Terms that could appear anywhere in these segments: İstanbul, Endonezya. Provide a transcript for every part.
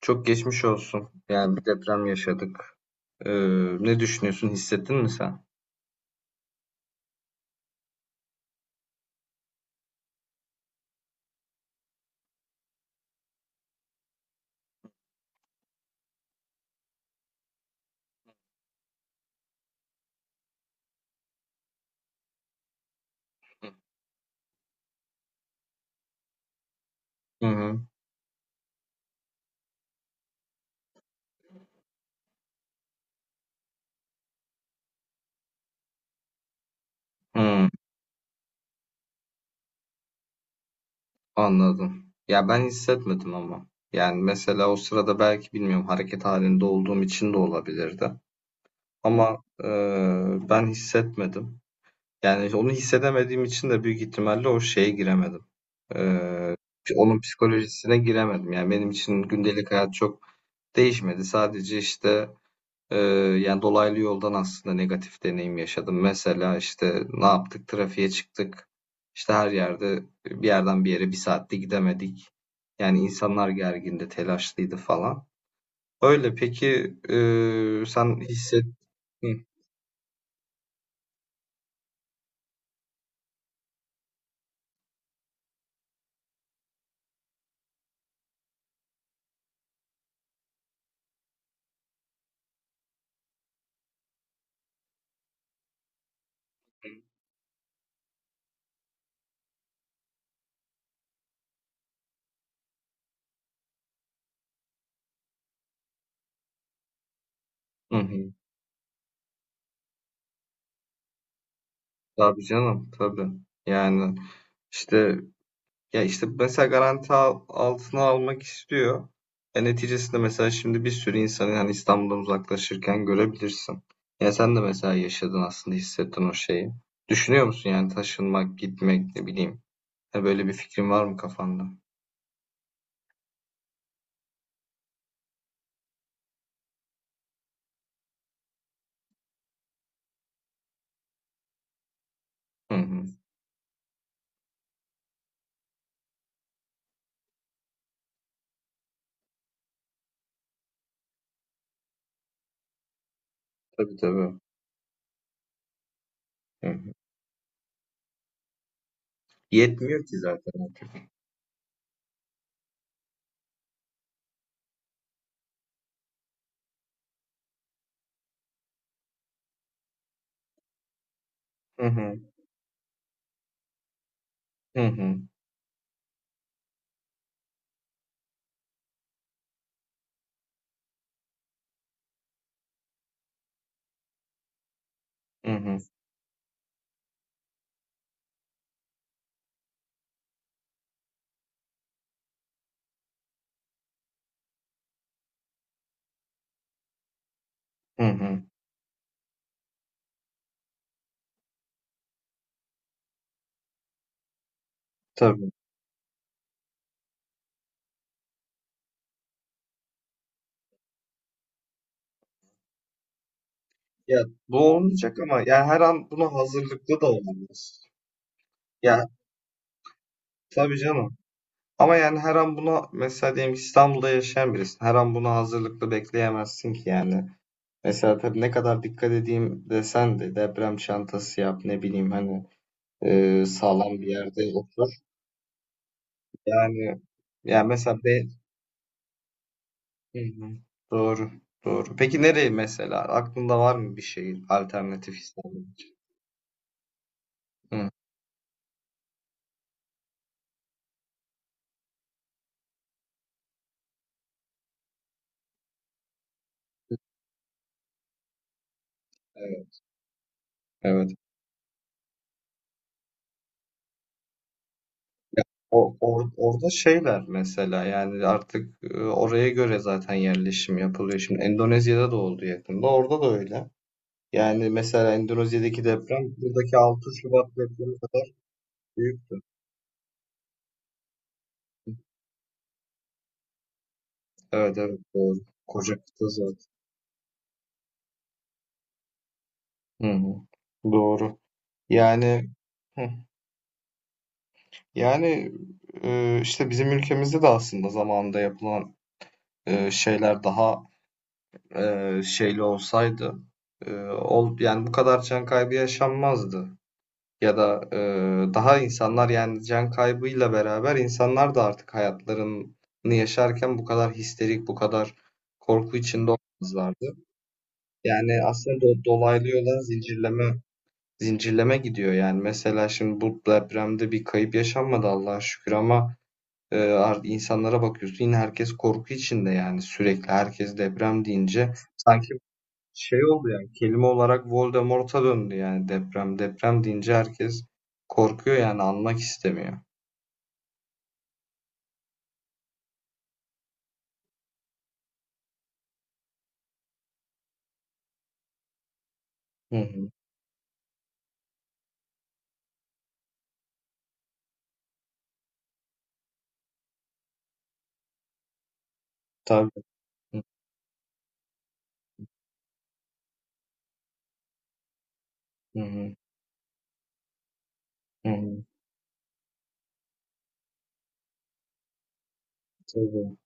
Çok geçmiş olsun. Yani bir deprem yaşadık. Ee, Ne düşünüyorsun? Hissettin mi sen? Hı hı. Hı, anladım. Ya ben hissetmedim ama. Yani mesela o sırada belki bilmiyorum hareket halinde olduğum için de olabilirdi. Ama ben hissetmedim. Yani onu hissedemediğim için de büyük ihtimalle o şeye giremedim. Ee, Onun psikolojisine giremedim. Yani benim için gündelik hayat çok değişmedi. Sadece işte Ee, yani dolaylı yoldan aslında negatif deneyim yaşadım. Mesela işte ne yaptık? Trafiğe çıktık. İşte her yerde bir yerden bir yere bir saatte gidemedik. Yani insanlar gergindi, telaşlıydı falan. Öyle peki sen hisset... Hı, hı, hı. Tabii canım, tabii. Yani işte ya işte mesela garanti altına almak istiyor. Neticesinde mesela şimdi bir sürü insanı hani İstanbul'dan uzaklaşırken görebilirsin. Ya sen de mesela yaşadın, aslında hissettin o şeyi. Düşünüyor musun yani taşınmak, gitmek ne bileyim. Ha, böyle bir fikrin var mı kafanda? Hı hı. Tabii tabii. Hı hı. Yetmiyor ki zaten. Hı hı. Hı hı. Hı hı. Hı hı. Tabii. Ya bu olmayacak ama ya her an buna hazırlıklı da olamaz. Ya tabii canım. Ama yani her an buna mesela diyelim ki İstanbul'da yaşayan birisin. Her an buna hazırlıklı bekleyemezsin ki yani. Mesela tabii ne kadar dikkat edeyim desen de deprem çantası yap ne bileyim hani sağlam bir yerde otur. Yani yani mesela be Hı hı. Doğru. Doğru. Peki nereye mesela? Aklında var mı bir şehir alternatif İstanbul için? Hı, evet. Evet. Ya, o orada şeyler mesela yani artık oraya göre zaten yerleşim yapılıyor. Şimdi Endonezya'da da oldu yakında. Orada da öyle. Yani mesela Endonezya'daki deprem buradaki 6 Şubat depremi kadar büyüktü. Evet evet doğru. Koca kıta zaten. Hı hı. Doğru. Yani hı. Yani işte bizim ülkemizde de aslında zamanında yapılan şeyler daha şeyli olsaydı yani bu kadar can kaybı yaşanmazdı. Ya da daha insanlar yani can kaybıyla beraber insanlar da artık hayatlarını yaşarken bu kadar histerik, bu kadar korku içinde olmazlardı. Yani aslında dolaylı yoldan zincirleme zincirleme gidiyor yani. Mesela şimdi bu depremde bir kayıp yaşanmadı Allah'a şükür ama insanlara bakıyorsun, yine herkes korku içinde yani. Sürekli herkes deprem deyince sanki şey oldu yani, kelime olarak Voldemort'a döndü yani deprem. Deprem deyince herkes korkuyor yani, anmak istemiyor. Hı hı. Tabii. Hı hı. Hı hı. Tabii.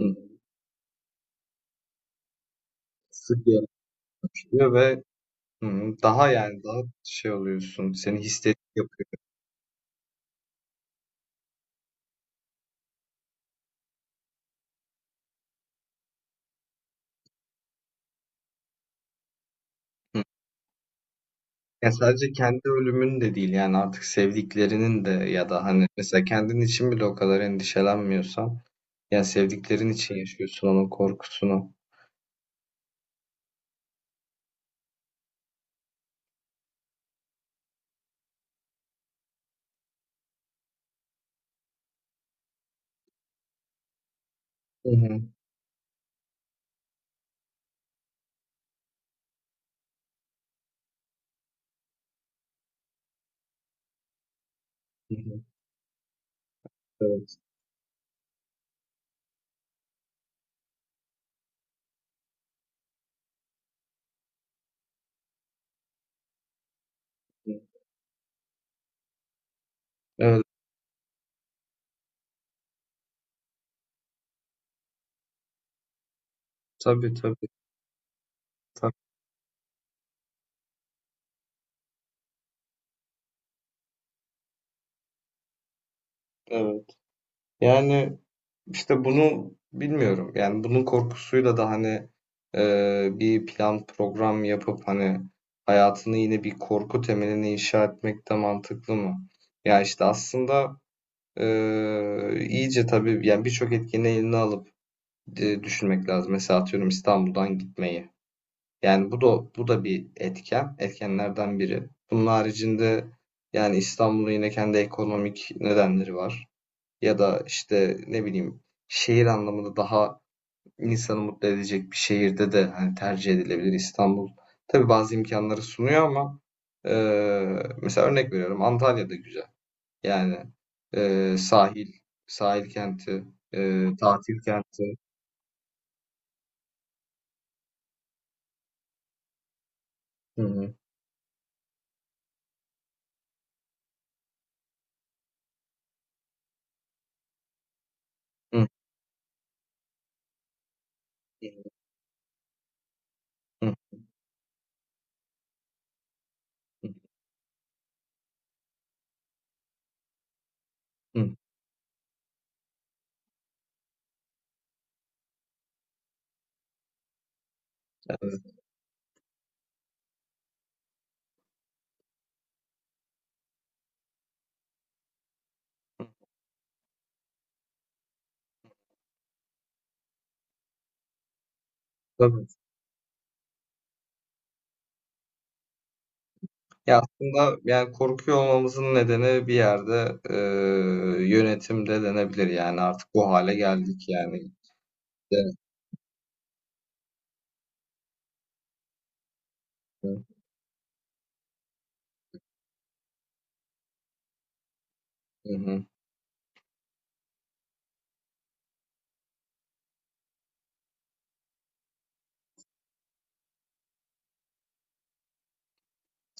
Hı. Sık yaşıyor ve hı hı, daha yani daha şey oluyorsun. Seni hisset yapıyor. Hı. Yani sadece kendi ölümün de değil yani, artık sevdiklerinin de, ya da hani mesela kendin için bile o kadar endişelenmiyorsan yani sevdiklerin için yaşıyorsun onun korkusunu. Hı hı. Hı hı. Evet. Hı. Evet. Tabii tabii. Evet. Yani işte bunu bilmiyorum. Yani bunun korkusuyla da hani bir plan program yapıp hani hayatını yine bir korku temeline inşa etmek de mantıklı mı? Ya işte aslında e, iyice tabii yani birçok etkeni eline alıp düşünmek lazım. Mesela atıyorum İstanbul'dan gitmeyi. Yani bu da bir etken, etkenlerden biri. Bunun haricinde yani İstanbul'un yine kendi ekonomik nedenleri var, ya da işte ne bileyim şehir anlamında daha insanı mutlu edecek bir şehirde de hani tercih edilebilir İstanbul. Tabii bazı imkanları sunuyor ama e, mesela örnek veriyorum Antalya'da güzel. Yani sahil, kenti, tatil kenti. Hı hı. Hı hı. Hı, evet, tabii. Ya aslında yani korkuyor olmamızın nedeni bir yerde yönetimde denebilir yani, artık bu hale geldik yani. Evet. Hı hı.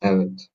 Evet.